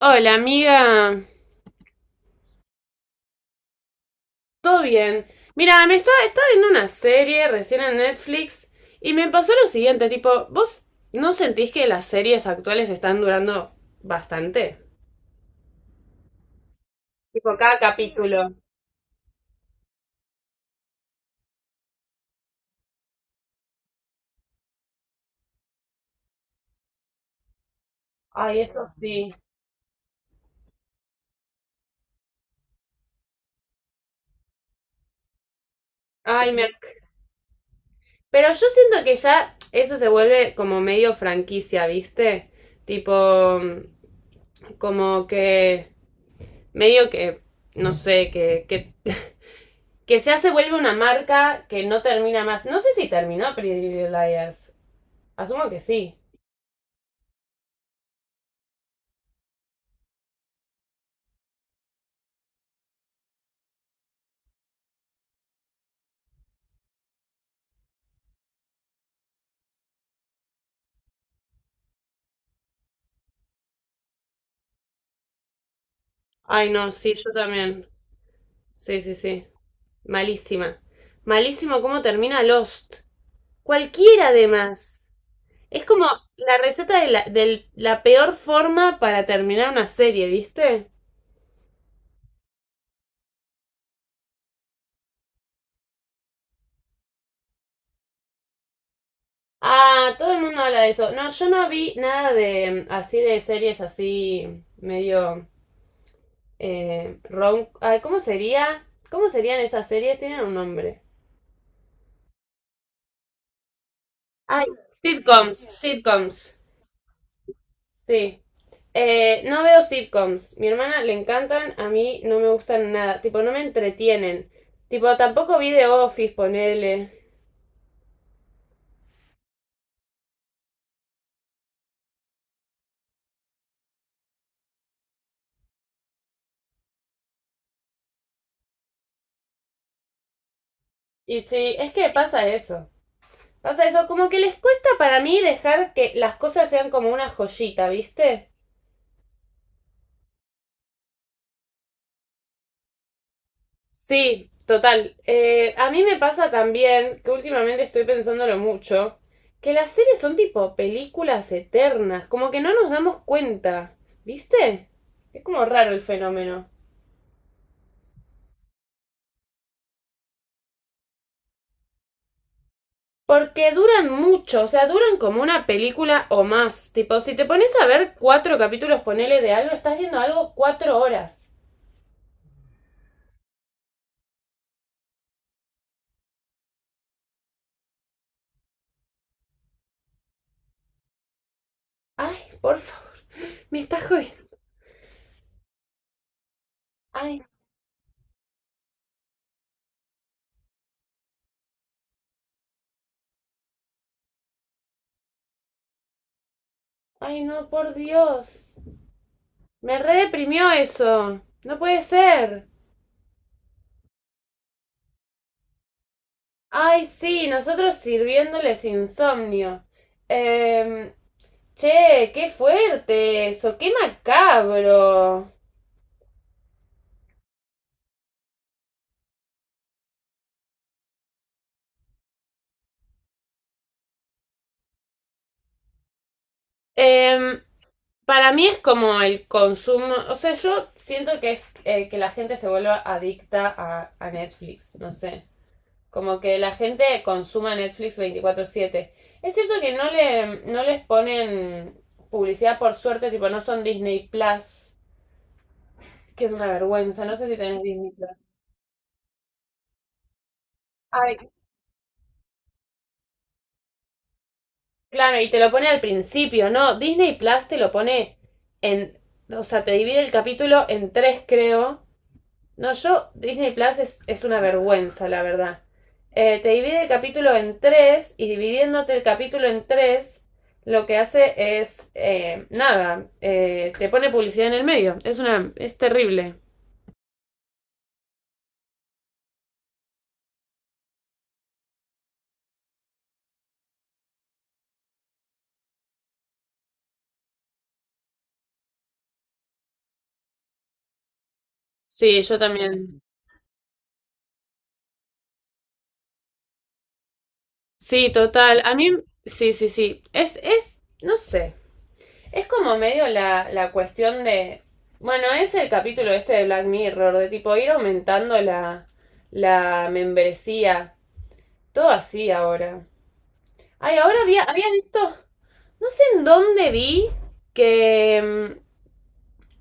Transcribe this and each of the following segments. Hola, amiga. ¿Todo bien? Mira, me estaba viendo una serie recién en Netflix y me pasó lo siguiente, tipo, ¿vos no sentís que las series actuales están durando bastante? Tipo, cada capítulo. Ay, eso sí. Ay, me... Pero yo siento que ya eso se vuelve como medio franquicia, ¿viste? Tipo, como que medio que, no sé, que que ya se vuelve una marca que no termina más. No sé si terminó Pretty Little Liars. Asumo que sí. Ay, no, sí, yo también. Sí, sí, sí. Malísima. Malísimo cómo termina Lost. Cualquiera además. Es como la receta de la peor forma para terminar una serie, ¿viste? Ah, todo el mundo habla de eso. No, yo no vi nada de así de series así medio rom- ay, ¿cómo sería? ¿Cómo serían esas series? Tienen un nombre. Ay, sitcoms, sitcoms. Sí. No veo sitcoms. Mi hermana le encantan, a mí no me gustan nada. Tipo, no me entretienen. Tipo, tampoco vi The Office, ponele. Y sí, es que pasa eso. Pasa eso, como que les cuesta para mí dejar que las cosas sean como una joyita, ¿viste? Sí, total. A mí me pasa también, que últimamente estoy pensándolo mucho, que las series son tipo películas eternas, como que no nos damos cuenta, ¿viste? Es como raro el fenómeno. Porque duran mucho, o sea, duran como una película o más. Tipo, si te pones a ver 4 capítulos, ponele de algo, estás viendo algo 4 horas. Ay, por favor, me está jodiendo. Ay, ay, no, por Dios. Me redeprimió eso. No puede ser. Ay, sí, nosotros sirviéndoles insomnio. Em, Che, qué fuerte eso, qué macabro. Em, para mí es como el consumo, o sea, yo siento que es que la gente se vuelva adicta a Netflix, no sé, como que la gente consuma Netflix 24/7. Es cierto que no les ponen publicidad por suerte, tipo, no son Disney Plus, que es una vergüenza, no sé si tenés Disney Plus. Ay, claro, y te lo pone al principio, ¿no? Disney Plus te lo pone en, o sea, te divide el capítulo en 3, creo. No, yo, Disney Plus es una vergüenza, la verdad. Te divide el capítulo en tres y dividiéndote el capítulo en 3, lo que hace es, nada, te pone publicidad en el medio. Es terrible. Sí, yo también. Sí, total. A mí, sí, sí, sí. Es, no sé. Es como medio la, la cuestión de. Bueno, es el capítulo este de Black Mirror, de tipo ir aumentando la, la membresía. Todo así ahora. Ay, ahora había visto. No sé en dónde vi que.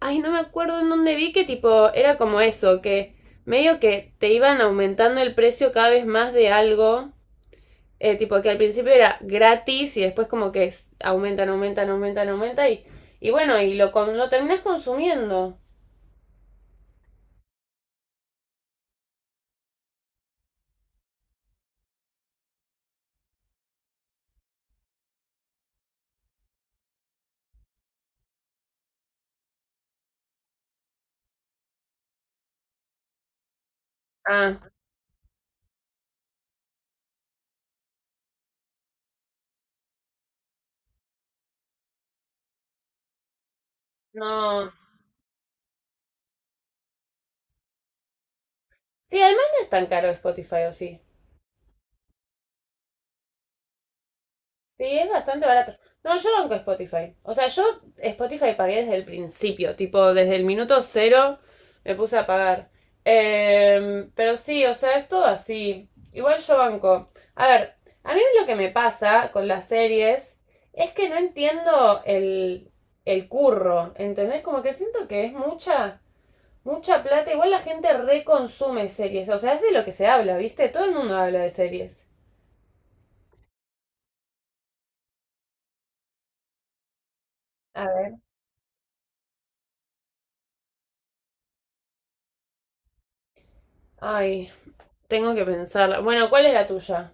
Ay, no me acuerdo en dónde vi que tipo. Era como eso, que medio que te iban aumentando el precio cada vez más de algo. Tipo que al principio era gratis y después como que es- aumentan, aumentan, aumentan, aumentan y bueno, lo terminás consumiendo. Ah, no. Sí, además no es tan caro Spotify, ¿o sí? Sí, es bastante barato. No, yo banco Spotify. O sea, yo Spotify pagué desde el principio, tipo, desde el minuto cero me puse a pagar. Pero sí, o sea, es todo así. Igual yo banco. A ver, a mí lo que me pasa con las series es que no entiendo el curro, ¿entendés? Como que siento que es mucha, mucha plata. Igual la gente reconsume series, o sea, es de lo que se habla, ¿viste? Todo el mundo habla de series. A ver. Ay, tengo que pensarla. Bueno, ¿cuál es la tuya?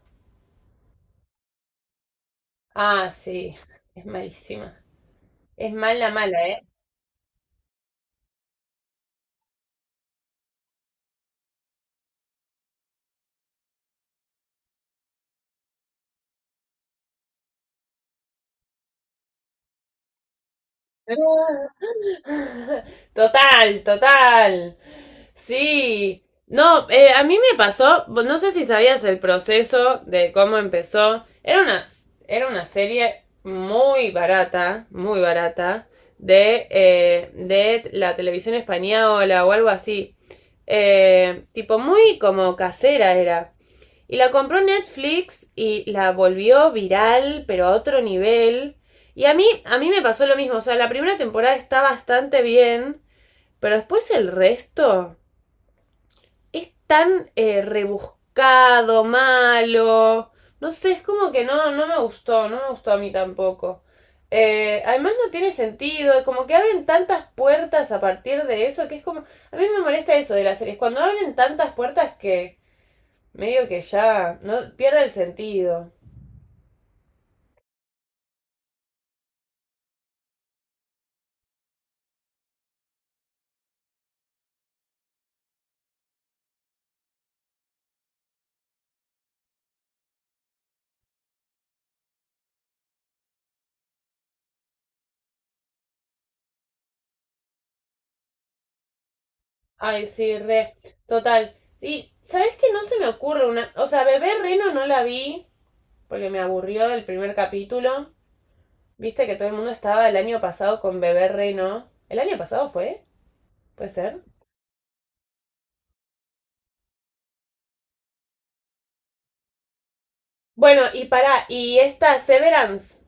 Ah, sí. Es malísima. Es mala, mala, ¿eh? Total, total. Sí. No, a mí me pasó, no sé si sabías el proceso de cómo empezó. Era una serie muy barata, de la televisión española o algo así. Tipo, muy como casera era. Y la compró Netflix y la volvió viral, pero a otro nivel. Y a mí me pasó lo mismo. O sea, la primera temporada está bastante bien, pero después el resto es tan rebuscado, malo. No sé, es como que no, no me gustó, no me gustó a mí tampoco. Además no tiene sentido, como que abren tantas puertas a partir de eso, que es como... A mí me molesta eso de las series, cuando abren tantas puertas que medio que ya, no pierde el sentido. Ay, sí, re. Total. Y, ¿sabes qué? No se me ocurre una. O sea, Bebé Reno no la vi porque me aburrió el primer capítulo. Viste que todo el mundo estaba el año pasado con Bebé Reno. ¿El año pasado fue? ¿Puede ser? Bueno, y para, y esta Severance.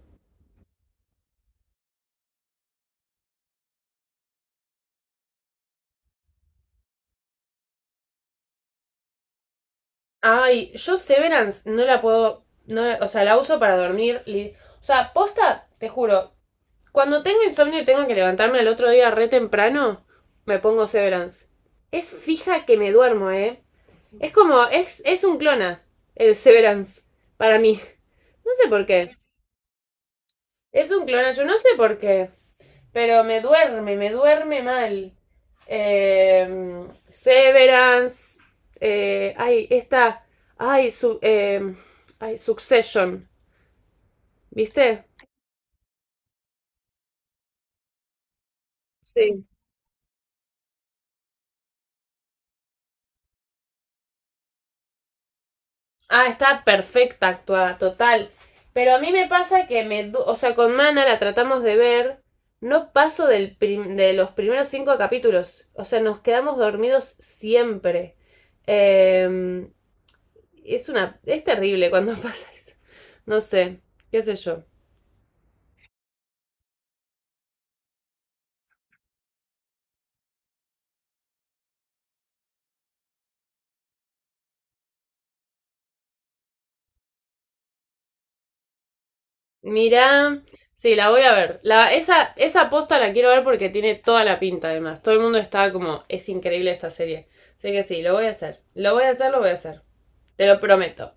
Ay, yo Severance no la puedo. No, o sea, la uso para dormir. O sea, posta, te juro, cuando tengo insomnio y tengo que levantarme al otro día re temprano, me pongo Severance. Es fija que me duermo, ¿eh? Es como, es un clona, el Severance, para mí. No sé por qué. Es un clona, yo no sé por qué. Pero me duerme mal. Severance. Esta. Ay, su, eh, Ay, Succession. ¿Viste? Sí. Ah, está perfecta actuada, total. Pero a mí me pasa que me... O sea, con Mana la tratamos de ver. No paso del prim- De los primeros 5 capítulos. O sea, nos quedamos dormidos siempre. Eh, es una... Es terrible cuando pasa eso. No sé, qué sé yo. Mirá... Sí, la voy a ver. Esa posta la quiero ver porque tiene toda la pinta, además. Todo el mundo está como, es increíble esta serie. Así que sí, lo voy a hacer. Lo voy a hacer, lo voy a hacer. Te lo prometo.